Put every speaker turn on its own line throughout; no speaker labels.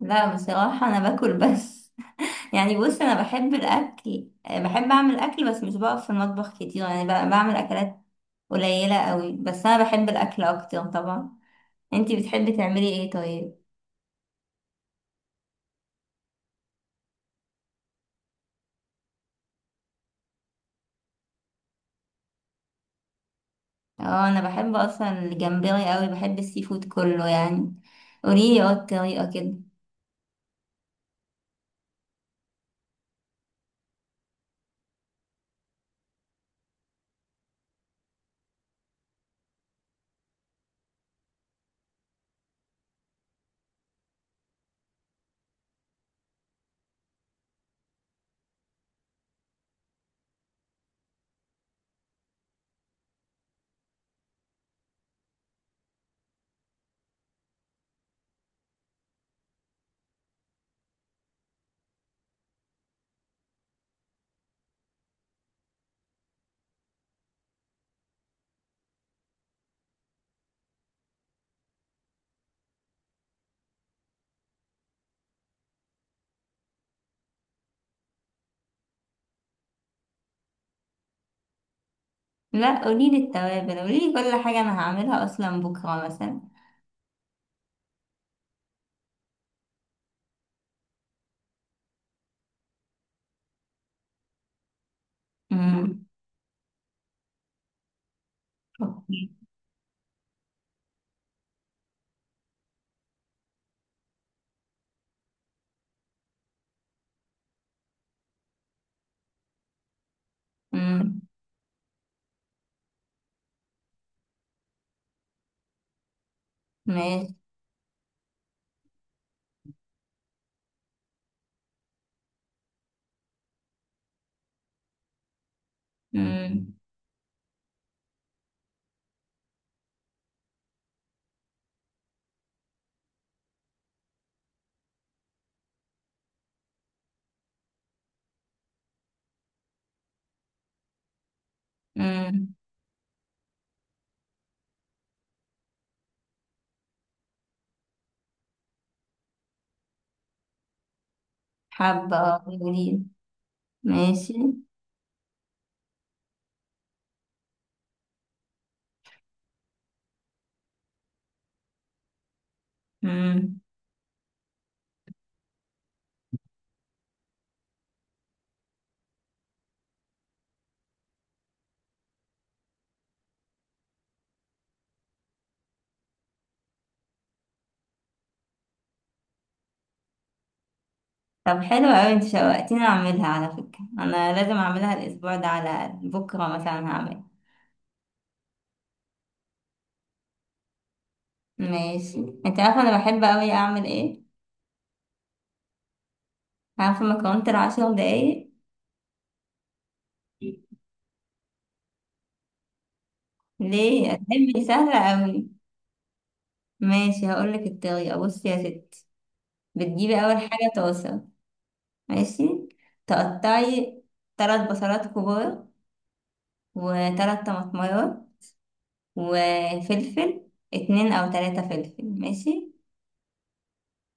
لا بصراحة أنا باكل بس. يعني بص، أنا بحب الأكل، بحب أعمل أكل، بس مش بقف في المطبخ كتير. يعني بعمل أكلات قليلة قوي، بس أنا بحب الأكل أكتر طبعا. أنتي بتحبي تعملي إيه طيب؟ اه أنا بحب أصلا الجمبري قوي، بحب السي فود كله يعني. قوليلي اه الطريقة كده. لا قوليلي التوابل، قوليلي كل حاجة، أنا هعملها أصلا بكرة مثلا. امم، اوكي. امم. ماشي. امم. امم. حابة اه، قوليلي. ماشي. مم. طب حلو قوي، انت شوقتيني اعملها على فكرة. انا لازم اعملها الاسبوع ده على الأقل، بكرة مثلا هعمل. ماشي. انت عارفة انا بحب قوي اعمل ايه؟ عارفة مكرونة العشر دقايق. ليه، هتحبي، سهلة قوي. ماشي هقولك الطريقة. بصي يا ستي، بتجيبي اول حاجة طاسة. ماشي. تقطعي تلات بصلات كبار، وتلات طماطميات، وفلفل اتنين او تلاتة فلفل، ماشي.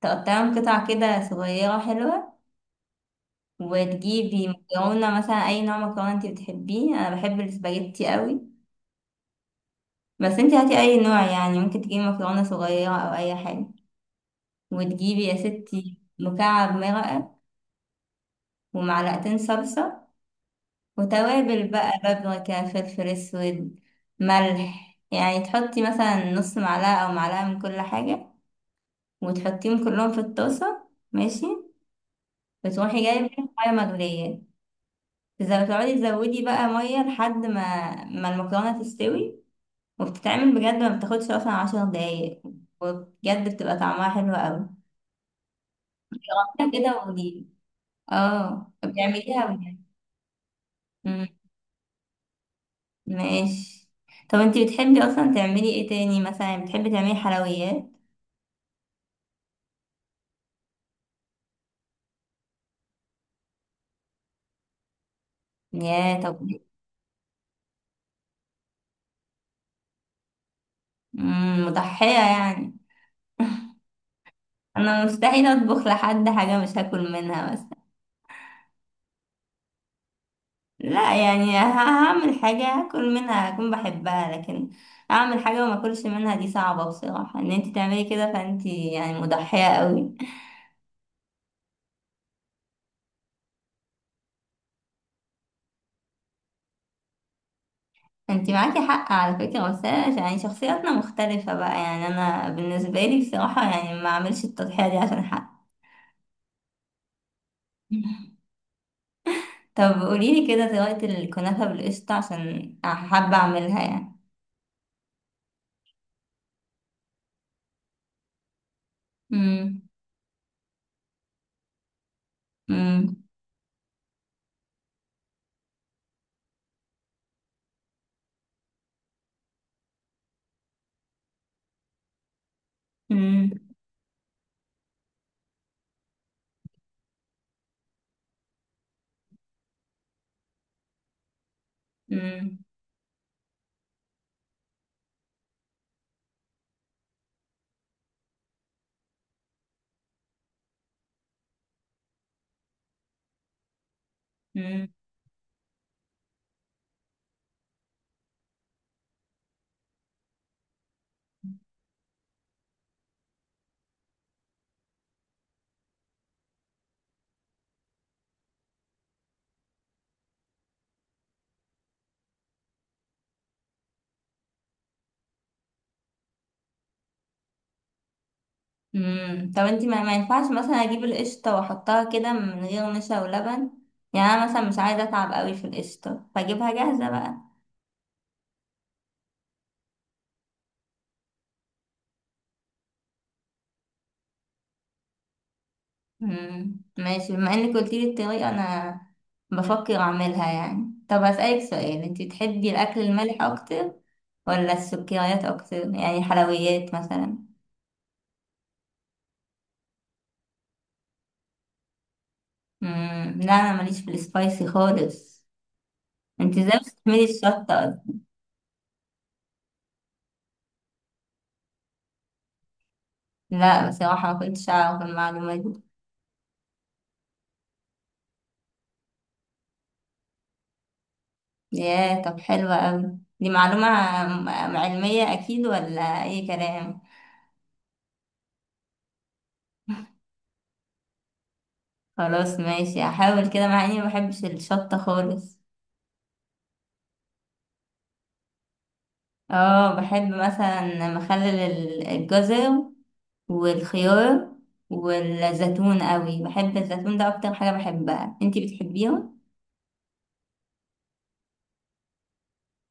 تقطعهم قطع كده صغيرة حلوة. وتجيبي مكرونة، مثلا أي نوع مكرونة انتي بتحبيه، أنا بحب السباجيتي قوي، بس انتي هاتي أي نوع. يعني ممكن تجيبي مكرونة صغيرة أو أي حاجة. وتجيبي يا ستي مكعب مرقة، ومعلقتين صلصة، وتوابل بقى، بابريكا، فلفل أسود، ملح. يعني تحطي مثلا نص معلقة أو معلقة من كل حاجة. وتحطيهم كلهم في الطاسة، ماشي. وتروحي جايبة مية مغلية. إذا بتقعدي تزودي بقى مية لحد ما المكرونة تستوي. وبتتعمل بجد، ما بتاخدش اصلا عشر دقايق. وبجد بتبقى طعمها حلو قوي. جربيها كده وقوليلي. اه بتعمليها بجد. مم. ماشي. طب انتي بتحبي اصلا تعملي ايه تاني مثلا؟ يعني بتحبي تعملي حلويات؟ يا طب. مم، مضحية يعني. انا مستحيل اطبخ لحد حاجة مش هاكل منها مثلا. لا يعني هعمل حاجة هاكل منها، هكون بحبها. لكن اعمل حاجة وما اكلش منها دي صعبة بصراحة. ان انتي تعملي كده، فانتي يعني مضحية قوي. انت معاكي حق على فكرة، بس أنا يعني شخصياتنا مختلفة بقى. يعني انا بالنسبة لي بصراحة يعني ما اعملش التضحية دي عشان حق. طب قوليلي كده طريقة الكنافة بالقشطة، عشان حابة اعملها يعني. مم. مم. مم. مم. مم. مم. طب انت، ما ينفعش مثلا اجيب القشطة واحطها كده من غير نشا ولبن؟ يعني انا مثلا مش عايزة اتعب قوي في القشطة، فاجيبها جاهزة بقى. مم. ماشي، بما انك قلتيلي الطريقة، انا بفكر اعملها يعني. طب هسألك سؤال، انتي بتحبي الاكل المالح اكتر ولا السكريات اكتر، يعني حلويات مثلا؟ مم. لا انا ماليش في السبايسي خالص. انتي ازاي بتستعملي الشطة أصلاً؟ لا بصراحة ما كنتش اعرف المعلومة دي. ياه، طب حلوة اوي دي معلومة. علمية اكيد ولا اي كلام؟ خلاص ماشي، هحاول كده مع اني ما بحبش الشطة خالص. اه بحب مثلا مخلل الجزر، والخيار، والزيتون قوي. بحب الزيتون ده اكتر حاجة بحبها، انتي بتحبيها؟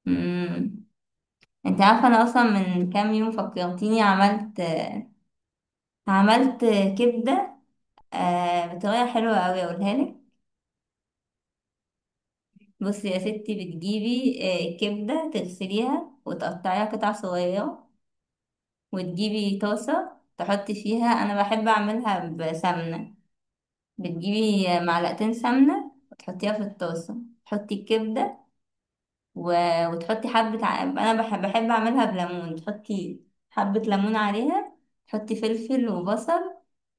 امم. انت عارفة انا اصلا من كام يوم فكرتيني، عملت عملت كبدة. آه، بطريقة حلوة قوي اقولها لك. بصي يا ستي بتجيبي آه، كبدة، تغسليها وتقطعيها قطع صغيرة. وتجيبي طاسة تحطي فيها، انا بحب اعملها بسمنة. بتجيبي معلقتين سمنة وتحطيها في الطاسة. تحطي الكبدة و... وتحطي أنا بحب أعملها بليمون. تحطي حبة ليمون عليها. تحطي فلفل وبصل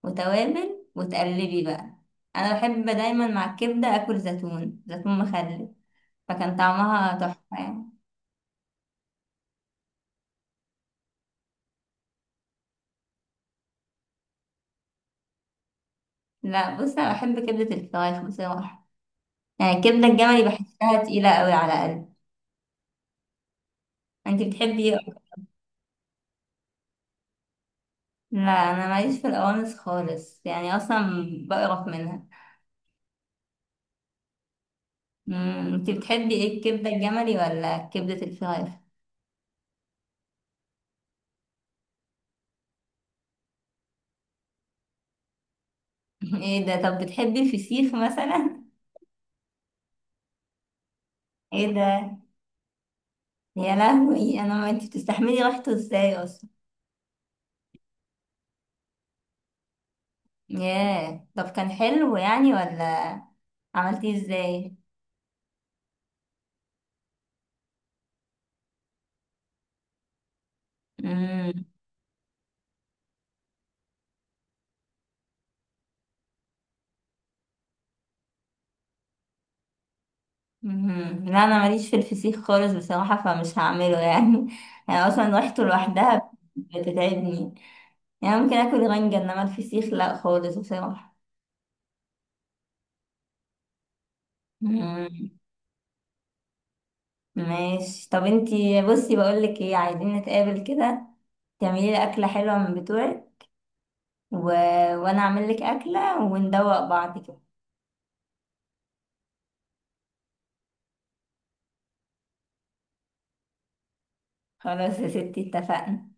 وتوابل، وتقلبي بقى. أنا بحب دايما مع الكبدة أكل زيتون، زيتون مخلل. فكان طعمها تحفة يعني. لا بصي، أنا بحب كبدة الفراخ بصراحة. يعني الكبدة الجملي بحسها تقيلة قوي على قلبي. أنت بتحبي إيه؟ لا، انا ماليش في القوانص خالص. يعني اصلا بقرف منها. امم، انت بتحبي ايه، الكبده الجملي ولا كبده الفراخ؟ ايه ده؟ طب بتحبي الفسيخ مثلا؟ ايه ده؟ يا لهوي انا، ما انت بتستحملي ريحته ازاي اصلا؟ ياه، طب كان حلو يعني ولا؟ عملتيه ازاي؟ امم. أمم. لا انا ماليش في الفسيخ خالص بصراحه، فمش هعمله يعني. يعني اصلا ريحته لوحدها بتتعبني. يعني ممكن اكل رنجة، انما الفسيخ لا خالص بصراحه. مم. ماشي، طب انتي بصي بقولك ايه، عايزين نتقابل كده. تعملي لي اكله حلوه من بتوعك، و... وانا اعمل لك اكله، وندوق بعض كده. خلاص يا ستي، اتفقنا.